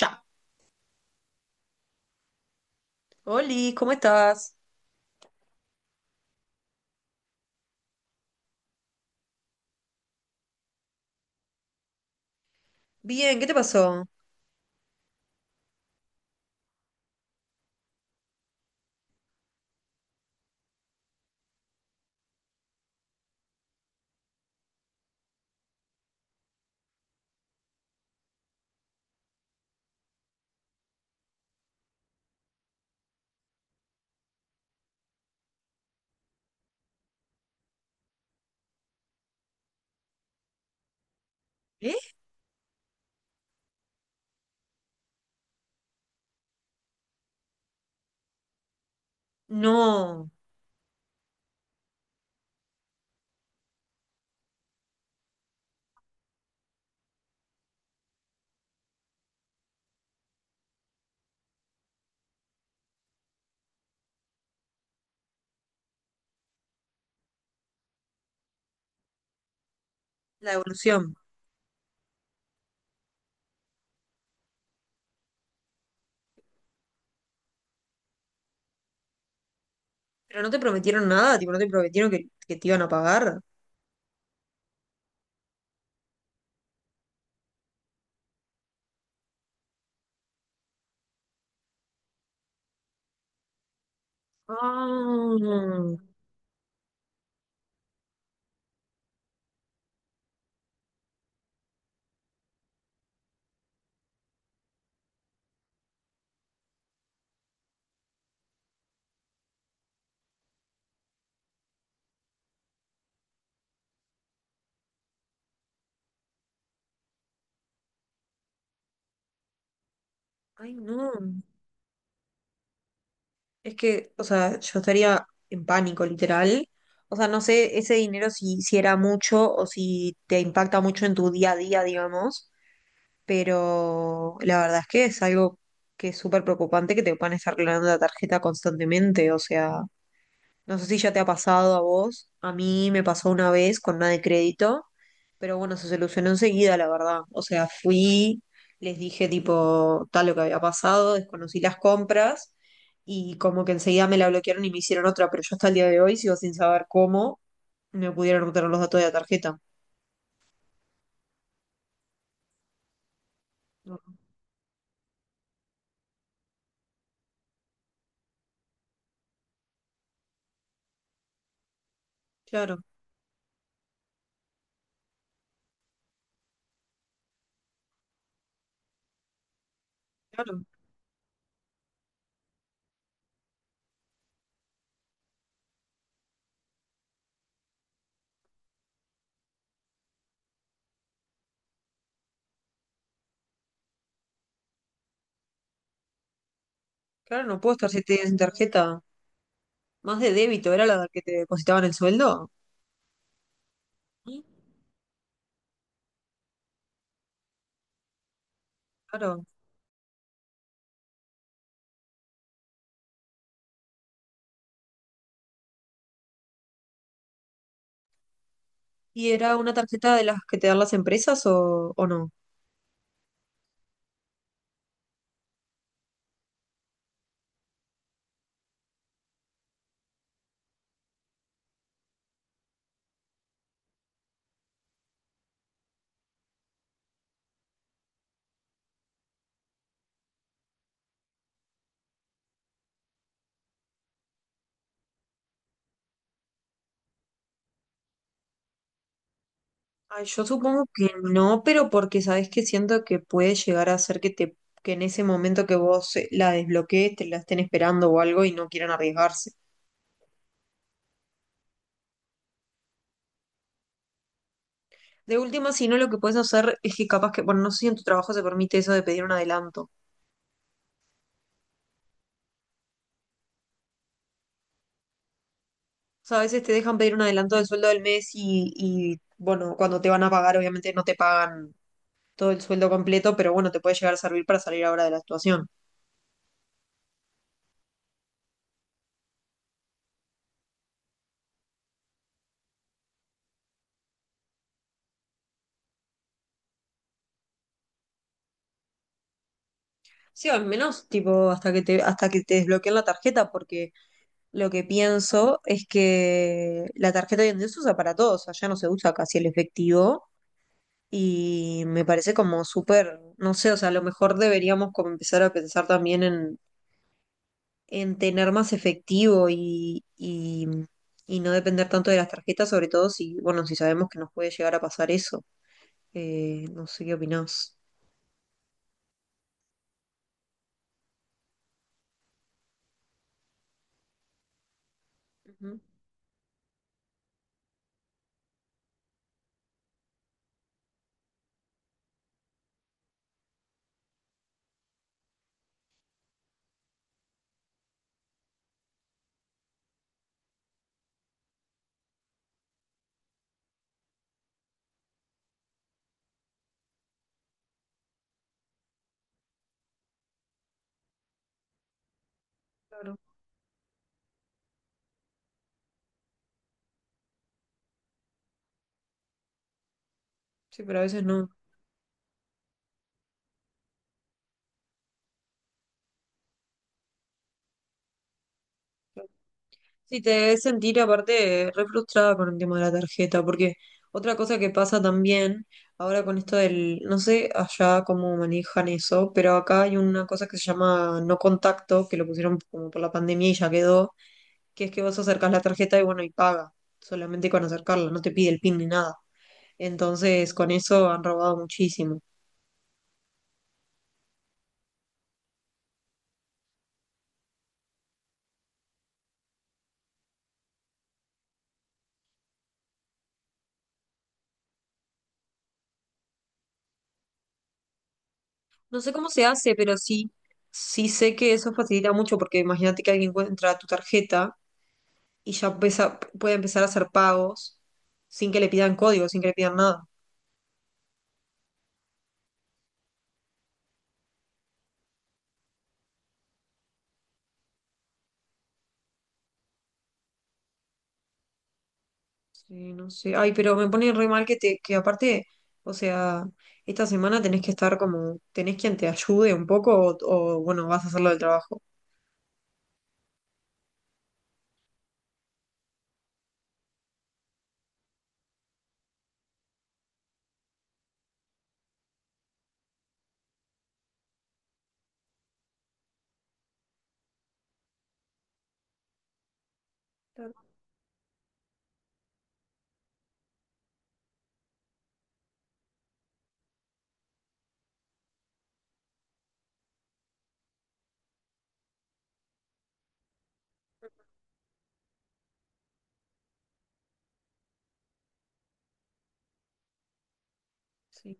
Ya. Oli, ¿cómo estás? Bien, ¿qué te pasó? ¿Eh? No, la devolución. ¿Pero no te prometieron nada? ¿Tipo, no te prometieron que te iban a pagar? Ah, ay, no. Es que, o sea, yo estaría en pánico, literal. O sea, no sé ese dinero si era mucho o si te impacta mucho en tu día a día, digamos. Pero la verdad es que es algo que es súper preocupante que te puedan estar clonando la tarjeta constantemente. O sea. No sé si ya te ha pasado a vos, a mí me pasó una vez con una de crédito, pero bueno, se solucionó enseguida, la verdad. O sea, fui, les dije tipo tal lo que había pasado, desconocí las compras y como que enseguida me la bloquearon y me hicieron otra, pero yo hasta el día de hoy sigo sin saber cómo me pudieron obtener los datos de la tarjeta. No, Claro, claro, claro, no puedo estar siete días sin tarjeta. Más de débito, era la que te depositaban el sueldo. Sí, claro. ¿Y era una tarjeta de las que te dan las empresas o no? Ay, yo supongo que no, pero porque sabes que siento que puede llegar a ser que te, que en ese momento que vos la desbloquees, te la estén esperando o algo y no quieran arriesgarse. De última, si no, lo que puedes hacer es que capaz que, bueno, no sé si en tu trabajo se permite eso de pedir un adelanto. O sea, a veces te dejan pedir un adelanto del sueldo del mes y bueno, cuando te van a pagar, obviamente no te pagan todo el sueldo completo, pero bueno, te puede llegar a servir para salir ahora de la situación. Sí, o al menos, tipo, hasta que te desbloqueen la tarjeta, porque lo que pienso es que la tarjeta hoy en día se usa para todo, o sea, ya no se usa casi el efectivo y me parece como súper, no sé, o sea, a lo mejor deberíamos como empezar a pensar también en tener más efectivo y no depender tanto de las tarjetas, sobre todo si, bueno, si sabemos que nos puede llegar a pasar eso. No sé qué opinás. Ujú, claro, sí, pero a veces no. Sí, te debes sentir aparte re frustrada con el tema de la tarjeta, porque otra cosa que pasa también, ahora con esto del, no sé allá cómo manejan eso, pero acá hay una cosa que se llama no contacto, que lo pusieron como por la pandemia y ya quedó, que es que vos acercás la tarjeta y bueno, y paga, solamente con acercarla, no te pide el PIN ni nada. Entonces, con eso han robado muchísimo. No sé cómo se hace, pero sí, sí sé que eso facilita mucho, porque imagínate que alguien encuentra tu tarjeta y ya empieza- puede empezar a hacer pagos sin que le pidan código, sin que le pidan nada. Sí, no sé. Ay, pero me pone re mal que te, que aparte, o sea, esta semana tenés que estar como, tenés quien te ayude un poco o, bueno, vas a hacerlo del trabajo. Claro, sí.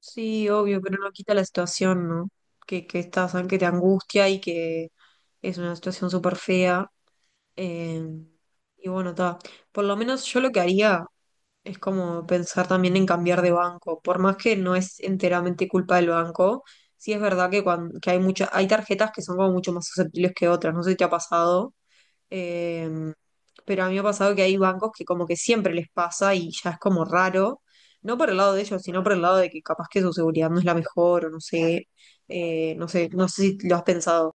Sí, obvio, pero no quita la situación, ¿no? Que estás, que te angustia y que es una situación súper fea. eh, y bueno, está. Por lo menos yo lo que haría. Es como pensar también en cambiar de banco, por más que no es enteramente culpa del banco, sí es verdad que, cuan- que hay mucha, hay tarjetas que son como mucho más susceptibles que otras, no sé si te ha pasado, eh, pero a mí me ha pasado que hay bancos que como que siempre les pasa y ya es como raro, no por el lado de ellos, sino por el lado de que capaz que su seguridad no es la mejor o no sé, no sé, no sé si lo has pensado.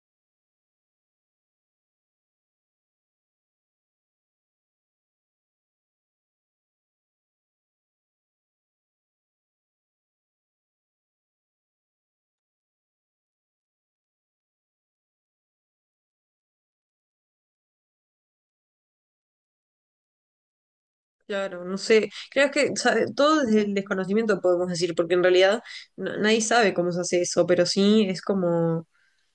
Claro, no sé, creo que sabe, todo desde el desconocimiento podemos decir, porque en realidad na- nadie sabe cómo se hace eso, pero sí es como,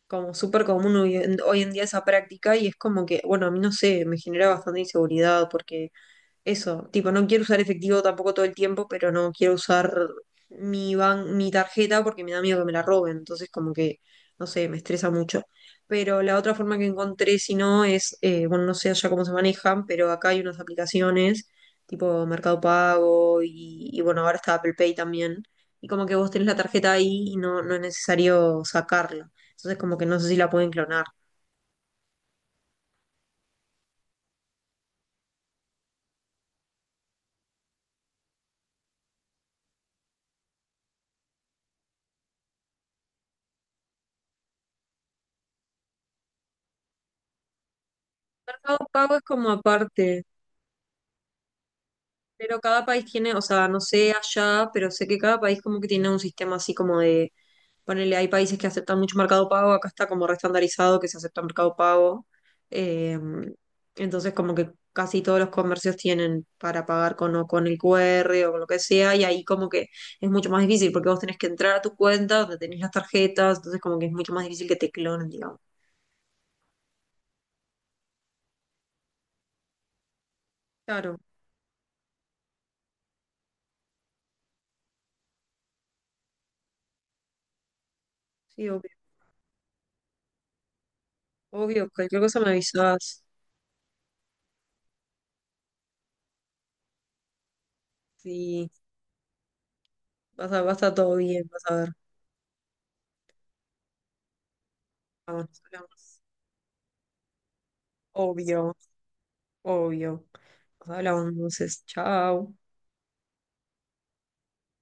como súper común hoy en, hoy en día esa práctica y es como que, bueno, a mí no sé, me genera bastante inseguridad porque eso, tipo, no quiero usar efectivo tampoco todo el tiempo, pero no quiero usar mi ban- mi tarjeta porque me da miedo que me la roben. Entonces, como que, no sé, me estresa mucho. Pero la otra forma que encontré, si no, es, bueno, no sé allá cómo se manejan, pero acá hay unas aplicaciones tipo Mercado Pago y bueno, ahora está Apple Pay también. Y como que vos tenés la tarjeta ahí y no, no es necesario sacarla. Entonces, como que no sé si la pueden clonar. Mercado Pago es como aparte. Pero cada país tiene, o sea, no sé allá, pero sé que cada país como que tiene un sistema así como de, ponele, hay países que aceptan mucho mercado pago, acá está como restandarizado que se acepta mercado pago. eh, entonces como que casi todos los comercios tienen para pagar con, o con el QR o con lo que sea, y ahí como que es mucho más difícil porque vos tenés que entrar a tu cuenta donde tenés las tarjetas, entonces como que es mucho más difícil que te clonen, digamos. Claro, sí, obvio, obvio, cualquier cosa me avisás, sí, vas a, va a estar todo bien, vas a ver. Vamos, hablamos. Obvio, obvio. Nos hablamos entonces. Chao.